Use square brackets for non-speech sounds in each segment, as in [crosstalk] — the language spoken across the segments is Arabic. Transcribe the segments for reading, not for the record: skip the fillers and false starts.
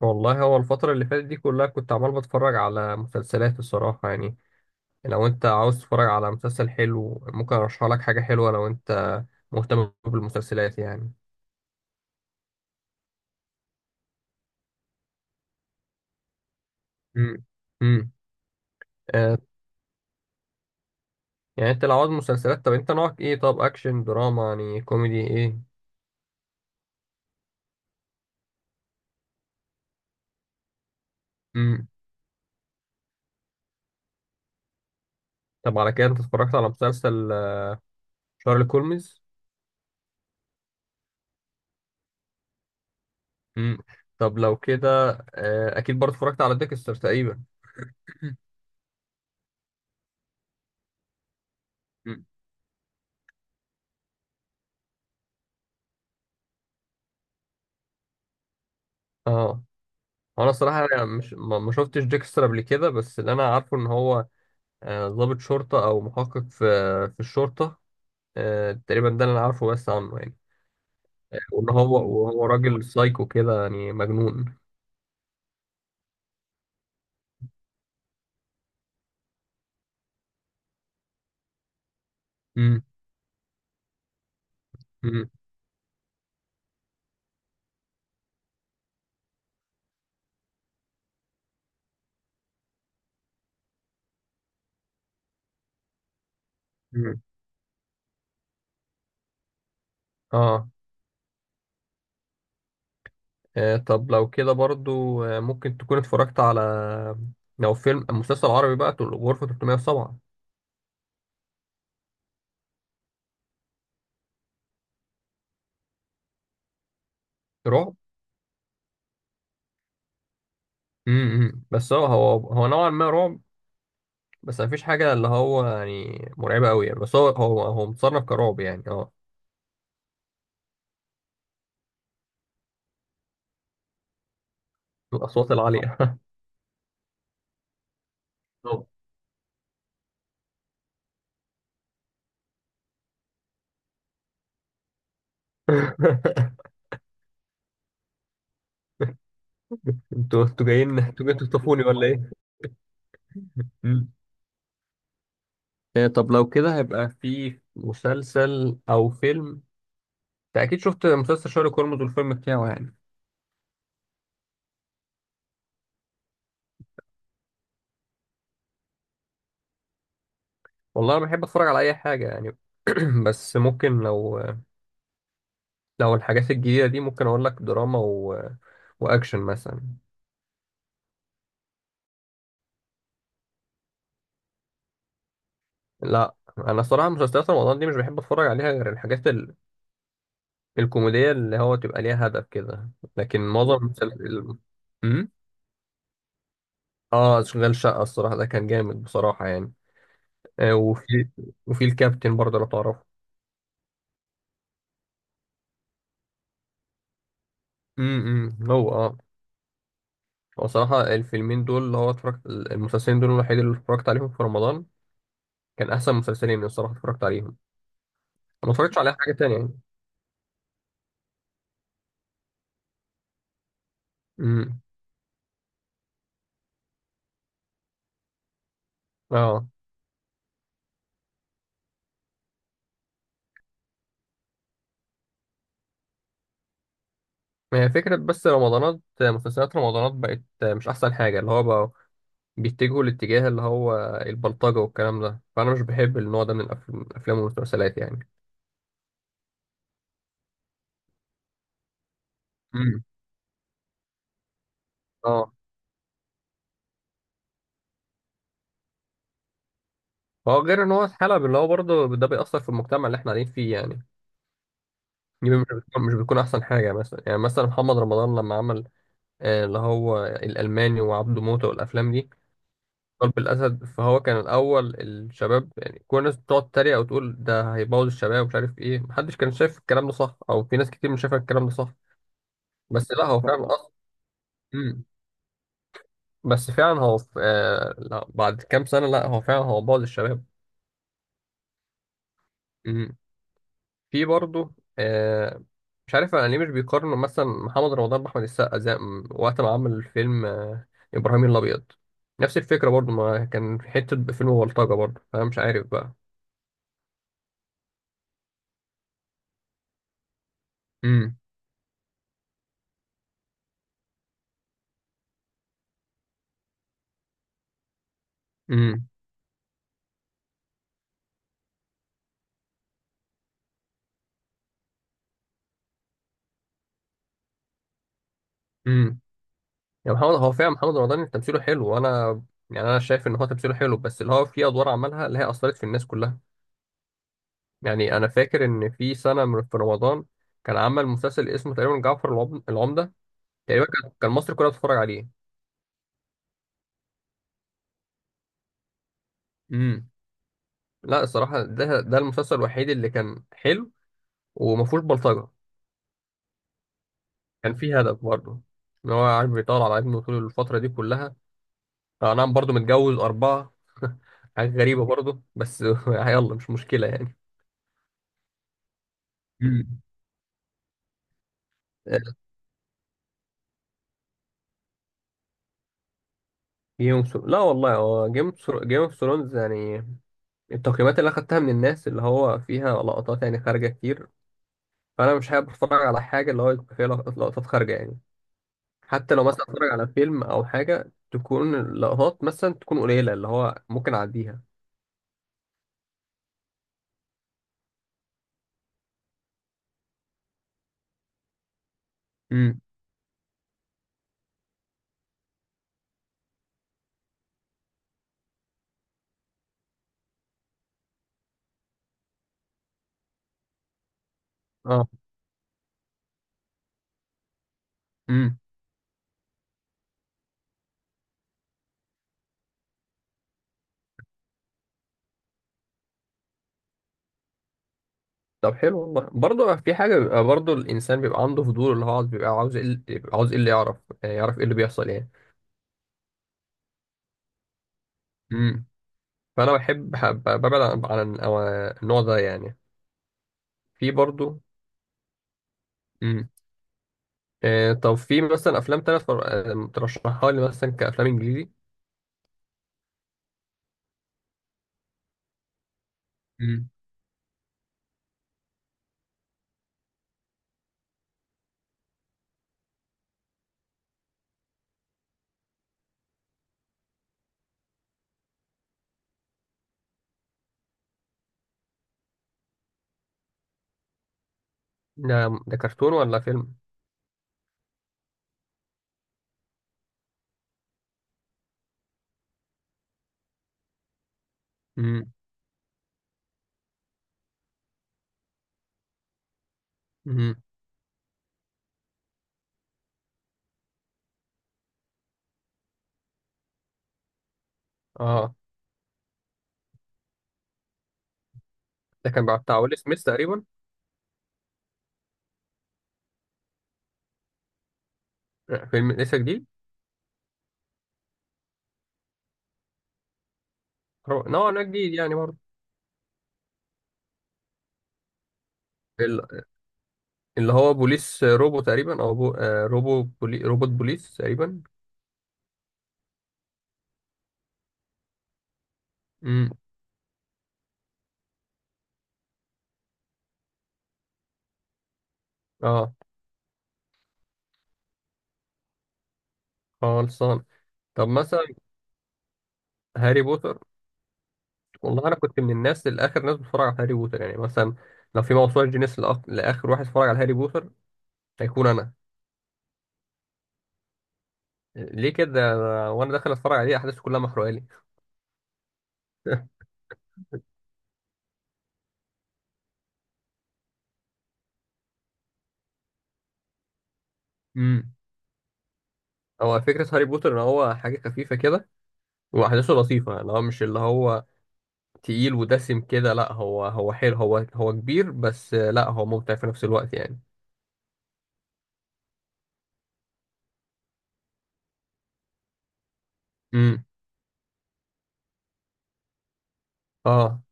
والله هو الفترة اللي فاتت دي كلها كنت عمال بتفرج على مسلسلات الصراحة يعني. لو انت عاوز تتفرج على مسلسل حلو ممكن ارشح لك حاجة حلوة لو انت مهتم بالمسلسلات يعني. امم امم آه يعني انت لو عاوز مسلسلات، طب انت نوعك ايه؟ طب اكشن، دراما يعني، كوميدي ايه؟ امم طب على كده انت اتفرجت على مسلسل شارلي كولمز؟ امم طب لو كده اكيد برضه اتفرجت على ديكستر تقريبا. مم. اه. هو انا الصراحة أنا مش ما شفتش ديكستر قبل كده بس اللي انا عارفه ان هو ضابط شرطة أو محقق في الشرطة. تقريبا ده اللي أنا عارفه بس عنه يعني. وإن هو وهو راجل سايكو كده يعني مجنون. مم. مم. مم. آه. آه، طب لو كده برضو ممكن تكون اتفرجت على لو فيلم مسلسل عربي بقى تقول غرفة 307. رعب. مم. مم. بس هو نوعا ما رعب. بس مفيش حاجة اللي هو يعني مرعبة أوي يعني، بس هو متصنف كرعب يعني، اه. الأصوات العالية. [laughs] أوه. [laughs] انتوا جايين، انتوا جايين تخطفوني ولا ايه؟ مم. إيه، طب لو كده هيبقى في مسلسل او فيلم. انت اكيد شفت مسلسل شارلوك هولمز والفيلم بتاعه يعني. والله انا بحب اتفرج على اي حاجه يعني. [clears throat] بس ممكن لو الحاجات الجديده دي ممكن اقول لك دراما واكشن مثلا. لا، انا صراحه مسلسلات رمضان دي مش بحب اتفرج عليها غير الحاجات الكوميديه اللي هو تبقى ليها هدف كده. لكن معظم المسلسلات. اه، اشغال شقه الصراحه ده كان جامد بصراحه يعني. آه، وفي وفي الكابتن برضه لو تعرفه. هو اه. هو صراحة الفيلمين دول اللي هو اتفرجت المسلسلين دول الوحيد اللي اتفرجت عليهم في رمضان. كان أحسن مسلسلين الصراحة اتفرجت عليهم. ما اتفرجتش على حاجة تانية يعني. امم اه. ما هي فكرة بس رمضانات مسلسلات رمضانات بقت مش أحسن حاجة، اللي هو بقى بيتجهوا لاتجاه اللي هو البلطجة والكلام ده، فأنا مش بحب النوع ده من الأفلام والمسلسلات يعني. امم اه، هو غير ان هو اتحلب، اللي هو برضه ده بيأثر في المجتمع اللي احنا قاعدين فيه يعني. دي مش بتكون احسن حاجه، يعني مثلا، محمد رمضان لما عمل اللي هو الالماني وعبده موته والافلام دي، قلب الاسد، فهو كان الاول الشباب يعني، كل الناس بتقعد تتريق وتقول ده هيبوظ الشباب ومش عارف ايه، محدش كان شايف الكلام ده صح، او في ناس كتير مش شايفه الكلام ده صح. بس لا هو فعلا اصلا. مم. بس فعلا هو في لا بعد كام سنه، لا هو فعلا هو بوظ الشباب. مم. في برضه. آه مش عارف انا ليه مش بيقارنوا مثلا محمد رمضان باحمد السقا، زي وقت ما عمل فيلم ابراهيم الابيض. نفس الفكره برضه، ما كان في حته فيلم بلطجه برضه، فانا مش عارف بقى. امم امم امم يا محمد هو فعلا محمد رمضان تمثيله حلو، وانا يعني انا شايف ان هو تمثيله حلو، بس اللي هو في ادوار عملها اللي هي اثرت في الناس كلها. يعني انا فاكر ان في سنه، من في رمضان كان عمل مسلسل اسمه تقريبا جعفر العمده. تقريبا كان مصر كلها بتتفرج عليه. امم لا الصراحة ده المسلسل الوحيد اللي كان حلو وما فيهوش بلطجة. كان فيه هدف برضه، ان هو عارف بيطول على ابنه طول الفترة دي كلها. نعم، برضه متجوز أربعة. [laughs] حاجة غريبة برضه بس، [laughs] يلا مش مشكلة يعني. مم. جيم اوف ثرونز، لا والله هو جيم اوف ثرونز يعني، التقييمات اللي اخدتها من الناس اللي هو فيها لقطات يعني خارجة كتير. فانا مش حابب اتفرج على حاجة اللي هو يبقى فيها لقطات خارجة يعني. حتى لو مثلا اتفرج على فيلم او حاجه تكون اللقطات مثلا تكون قليله اللي هو ممكن اعديها. امم اه. امم طب حلو والله، برضه في حاجه، بيبقى برضه الانسان بيبقى عنده فضول اللي هو عاوز، بيبقى عاوز ايه اللي يعرف، يعني يعرف ايه اللي بيحصل يعني. امم فانا بحب ببعد عن النوع ده يعني. في برضه. امم آه، طب في مثلا افلام تانية ترشحها لي مثلا كافلام انجليزي؟ امم ده كرتون ولا فيلم؟ امم امم اه. ده كان بتاع ويل سميث تقريبا. فيلم لسه جديد. نوعا ما جديد يعني برضه. ال- اللي هو بوليس روبو تقريبا، او بو... آه، روبو بولي... روبوت بوليس تقريبا. امم اه. خلصان. طب مثلا هاري بوتر. والله انا كنت من الناس الاخر، ناس بتتفرج على هاري بوتر، يعني مثلا لو في موسوعه جينيس لاخر واحد اتفرج على هاري بوتر هيكون انا. ليه كده؟ وانا داخل اتفرج عليه احداثه كلها محروقه لي. [laughs] امم هو فكره هاري بوتر ان هو حاجه خفيفه كده، واحداثه لطيفه، اللي هو مش اللي هو تقيل ودسم كده، لا هو حلو هو كبير بس، لا هو ممتع في نفس الوقت يعني. امم اه.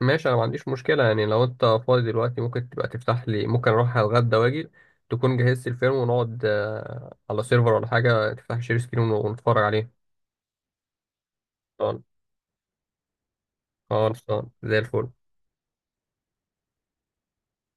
ماشي، انا ما عنديش مشكله يعني، لو انت فاضي دلوقتي ممكن تبقى تفتح لي، ممكن اروح اتغدى واجي تكون جهزت الفيلم ونقعد على سيرفر ولا حاجه، تفتح شير سكرين ونتفرج عليه. خلاص. خلاص. زي الفل.